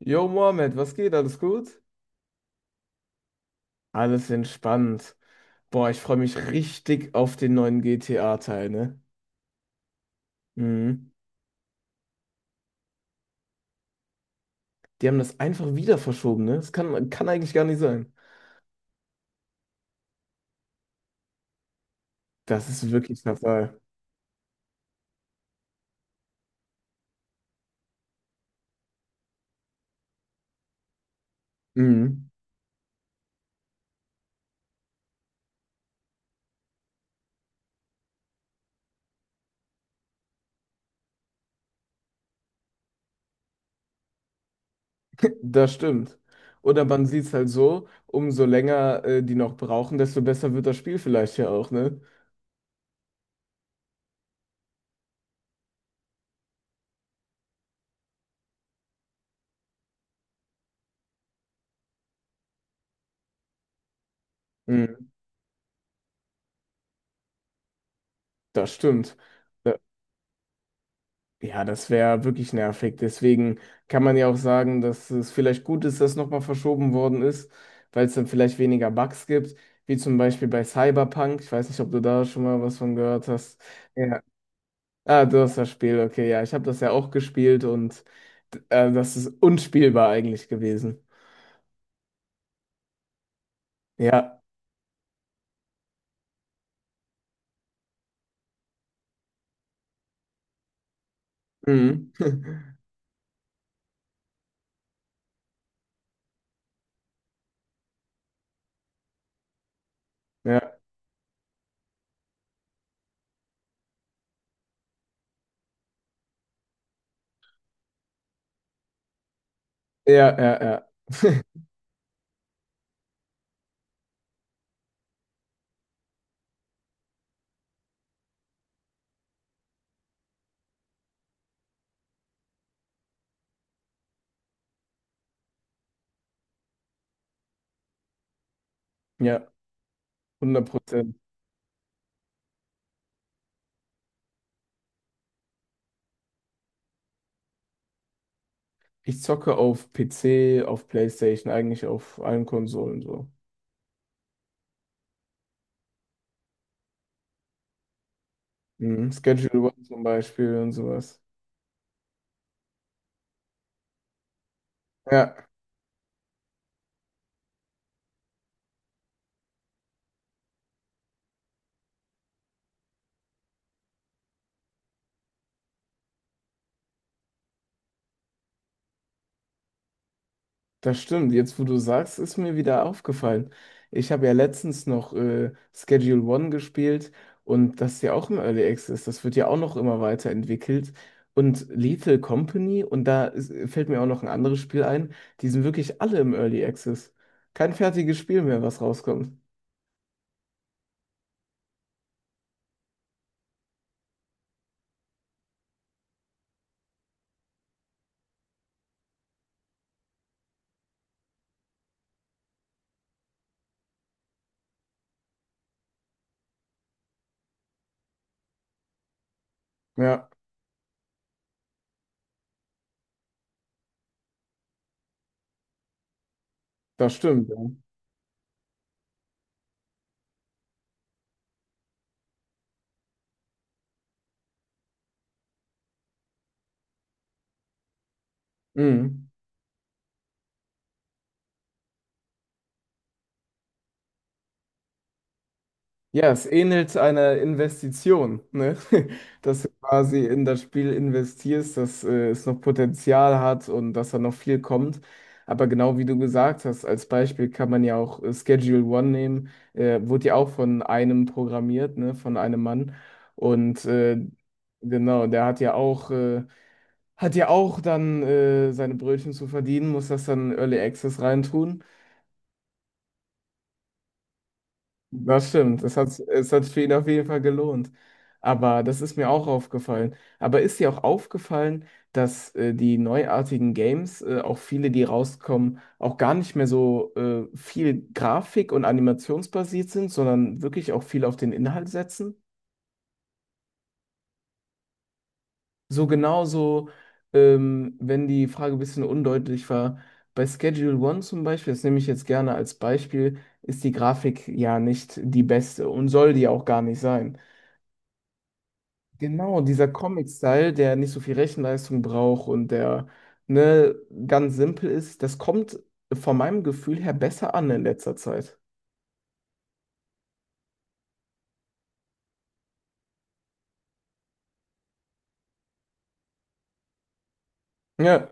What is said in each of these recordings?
Jo, Mohammed, was geht? Alles gut? Alles entspannt. Boah, ich freue mich richtig auf den neuen GTA-Teil, ne? Mhm. Die haben das einfach wieder verschoben, ne? Das kann eigentlich gar nicht sein. Das ist wirklich der Fall. Mhm. Das stimmt. Oder man sieht es halt so, umso länger die noch brauchen, desto besser wird das Spiel vielleicht ja auch, ne? Mhm. Das stimmt. Ja, das wäre wirklich nervig. Deswegen kann man ja auch sagen, dass es vielleicht gut ist, dass nochmal verschoben worden ist, weil es dann vielleicht weniger Bugs gibt, wie zum Beispiel bei Cyberpunk. Ich weiß nicht, ob du da schon mal was von gehört hast. Ja. Ah, du hast das Spiel, okay, ja. Ich habe das ja auch gespielt und das ist unspielbar eigentlich gewesen. Ja. Mhm. Ja, ja, ja. Ja, hundert Prozent. Ich zocke auf PC, auf PlayStation, eigentlich auf allen Konsolen so. Mhm. Schedule One zum Beispiel und sowas. Ja, das stimmt. Jetzt, wo du sagst, ist mir wieder aufgefallen. Ich habe ja letztens noch Schedule One gespielt und das ist ja auch im Early Access. Das wird ja auch noch immer weiterentwickelt. Und Lethal Company, und fällt mir auch noch ein anderes Spiel ein, die sind wirklich alle im Early Access. Kein fertiges Spiel mehr, was rauskommt. Ja, das stimmt. Ja. Mhm. Ja, es ähnelt einer Investition, ne? Dass du quasi in das Spiel investierst, dass es noch Potenzial hat und dass da noch viel kommt. Aber genau wie du gesagt hast, als Beispiel kann man ja auch Schedule One nehmen, wurde ja auch von einem programmiert, ne? Von einem Mann. Und genau, der hat ja auch dann seine Brötchen zu verdienen, muss das dann in Early Access reintun. Das stimmt, es hat für ihn auf jeden Fall gelohnt. Aber das ist mir auch aufgefallen. Aber ist dir auch aufgefallen, dass die neuartigen Games, auch viele, die rauskommen, auch gar nicht mehr so viel Grafik- und animationsbasiert sind, sondern wirklich auch viel auf den Inhalt setzen? So genauso, wenn die Frage ein bisschen undeutlich war, bei Schedule One zum Beispiel, das nehme ich jetzt gerne als Beispiel, ist die Grafik ja nicht die beste und soll die auch gar nicht sein. Genau, dieser Comic-Style, der nicht so viel Rechenleistung braucht und der ne, ganz simpel ist, das kommt von meinem Gefühl her besser an in letzter Zeit. Ja,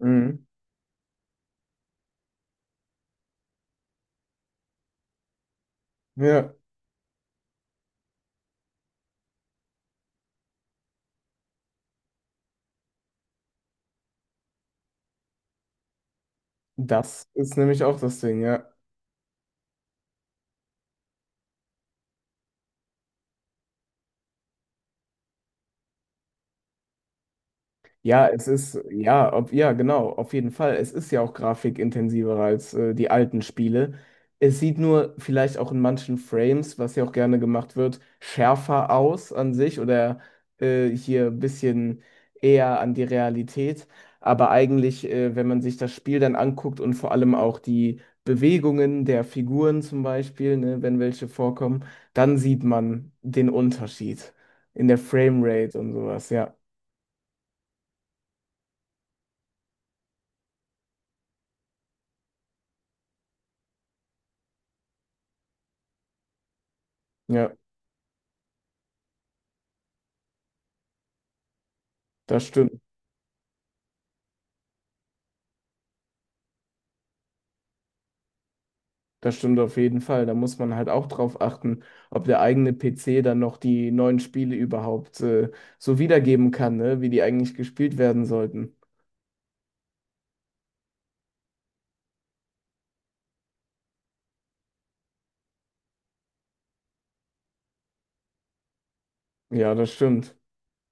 mhm. Ja, das ist nämlich auch das Ding, ja. Ja, es ist, ja, ob, ja, genau, auf jeden Fall. Es ist ja auch grafikintensiver als die alten Spiele. Es sieht nur vielleicht auch in manchen Frames, was ja auch gerne gemacht wird, schärfer aus an sich oder hier ein bisschen eher an die Realität. Aber eigentlich, wenn man sich das Spiel dann anguckt und vor allem auch die Bewegungen der Figuren zum Beispiel, ne, wenn welche vorkommen, dann sieht man den Unterschied in der Framerate und sowas. Ja, ja, das stimmt. Das stimmt auf jeden Fall. Da muss man halt auch drauf achten, ob der eigene PC dann noch die neuen Spiele überhaupt so wiedergeben kann, ne? Wie die eigentlich gespielt werden sollten. Ja, das stimmt.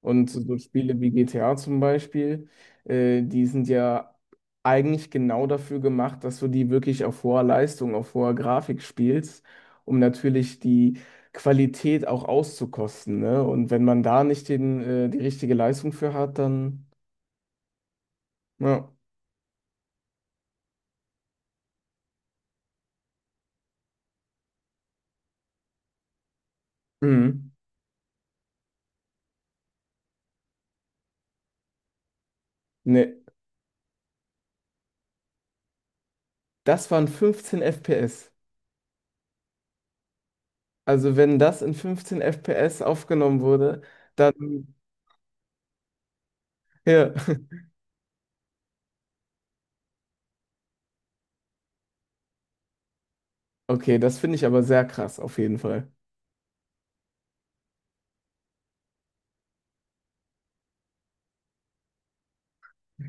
Und so Spiele wie GTA zum Beispiel, die sind ja eigentlich genau dafür gemacht, dass du die wirklich auf hoher Leistung, auf hoher Grafik spielst, um natürlich die Qualität auch auszukosten, ne? Und wenn man da nicht die richtige Leistung für hat, dann, ja, mhm. Nee. Das waren 15 FPS. Also wenn das in 15 FPS aufgenommen wurde, dann ja. Okay, das finde ich aber sehr krass auf jeden Fall.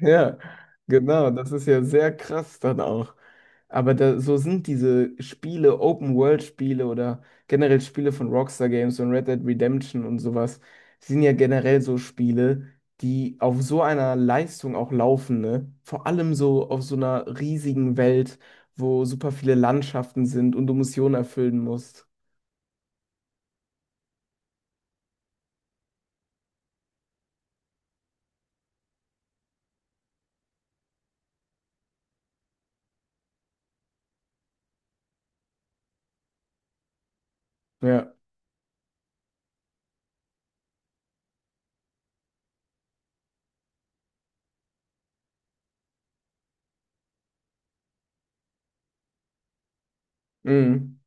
Ja, genau, das ist ja sehr krass dann auch. Aber da, so sind diese Spiele, Open-World-Spiele oder generell Spiele von Rockstar Games und Red Dead Redemption und sowas, sind ja generell so Spiele, die auf so einer Leistung auch laufen, ne? Vor allem so auf so einer riesigen Welt, wo super viele Landschaften sind und du Missionen erfüllen musst. Ja, mhm,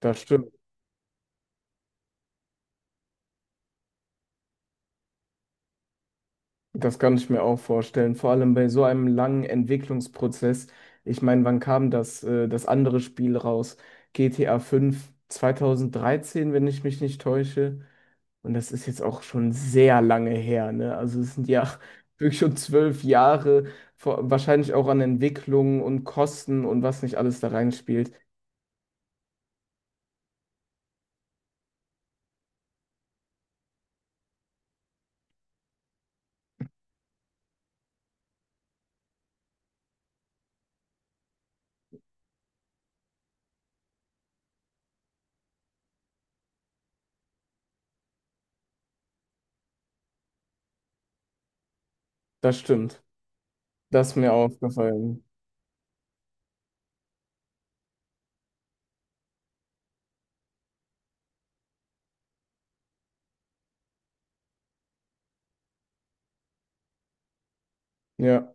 das stimmt. Das kann ich mir auch vorstellen, vor allem bei so einem langen Entwicklungsprozess. Ich meine, wann kam das andere Spiel raus? GTA 5 2013, wenn ich mich nicht täusche. Und das ist jetzt auch schon sehr lange her, ne? Also es sind ja wirklich schon 12 Jahre, vor, wahrscheinlich auch an Entwicklung und Kosten und was nicht alles da reinspielt. Das stimmt. Das ist mir aufgefallen. Ja,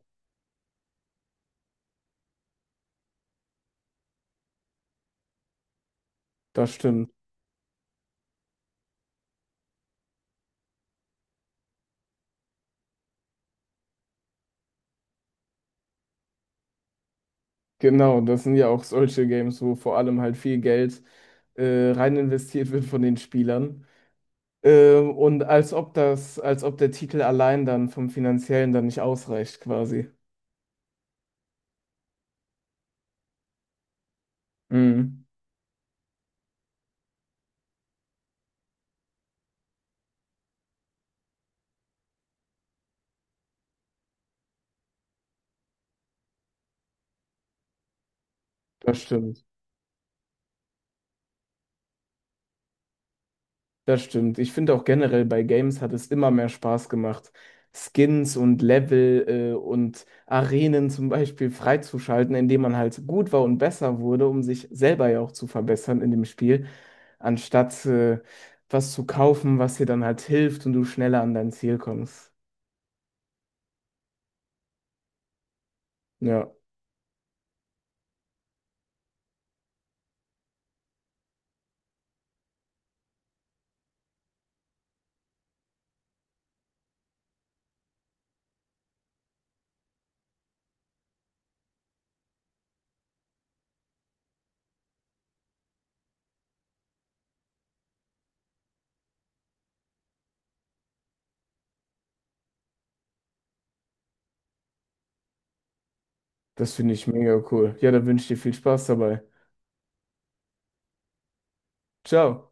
das stimmt. Genau, das sind ja auch solche Games, wo vor allem halt viel Geld rein investiert wird von den Spielern. Und als ob der Titel allein dann vom Finanziellen dann nicht ausreicht, quasi. Mhm, das stimmt. Das stimmt. Ich finde auch generell bei Games hat es immer mehr Spaß gemacht, Skins und Level und Arenen zum Beispiel freizuschalten, indem man halt gut war und besser wurde, um sich selber ja auch zu verbessern in dem Spiel, anstatt was zu kaufen, was dir dann halt hilft und du schneller an dein Ziel kommst. Ja, das finde ich mega cool. Ja, da wünsche ich dir viel Spaß dabei. Ciao.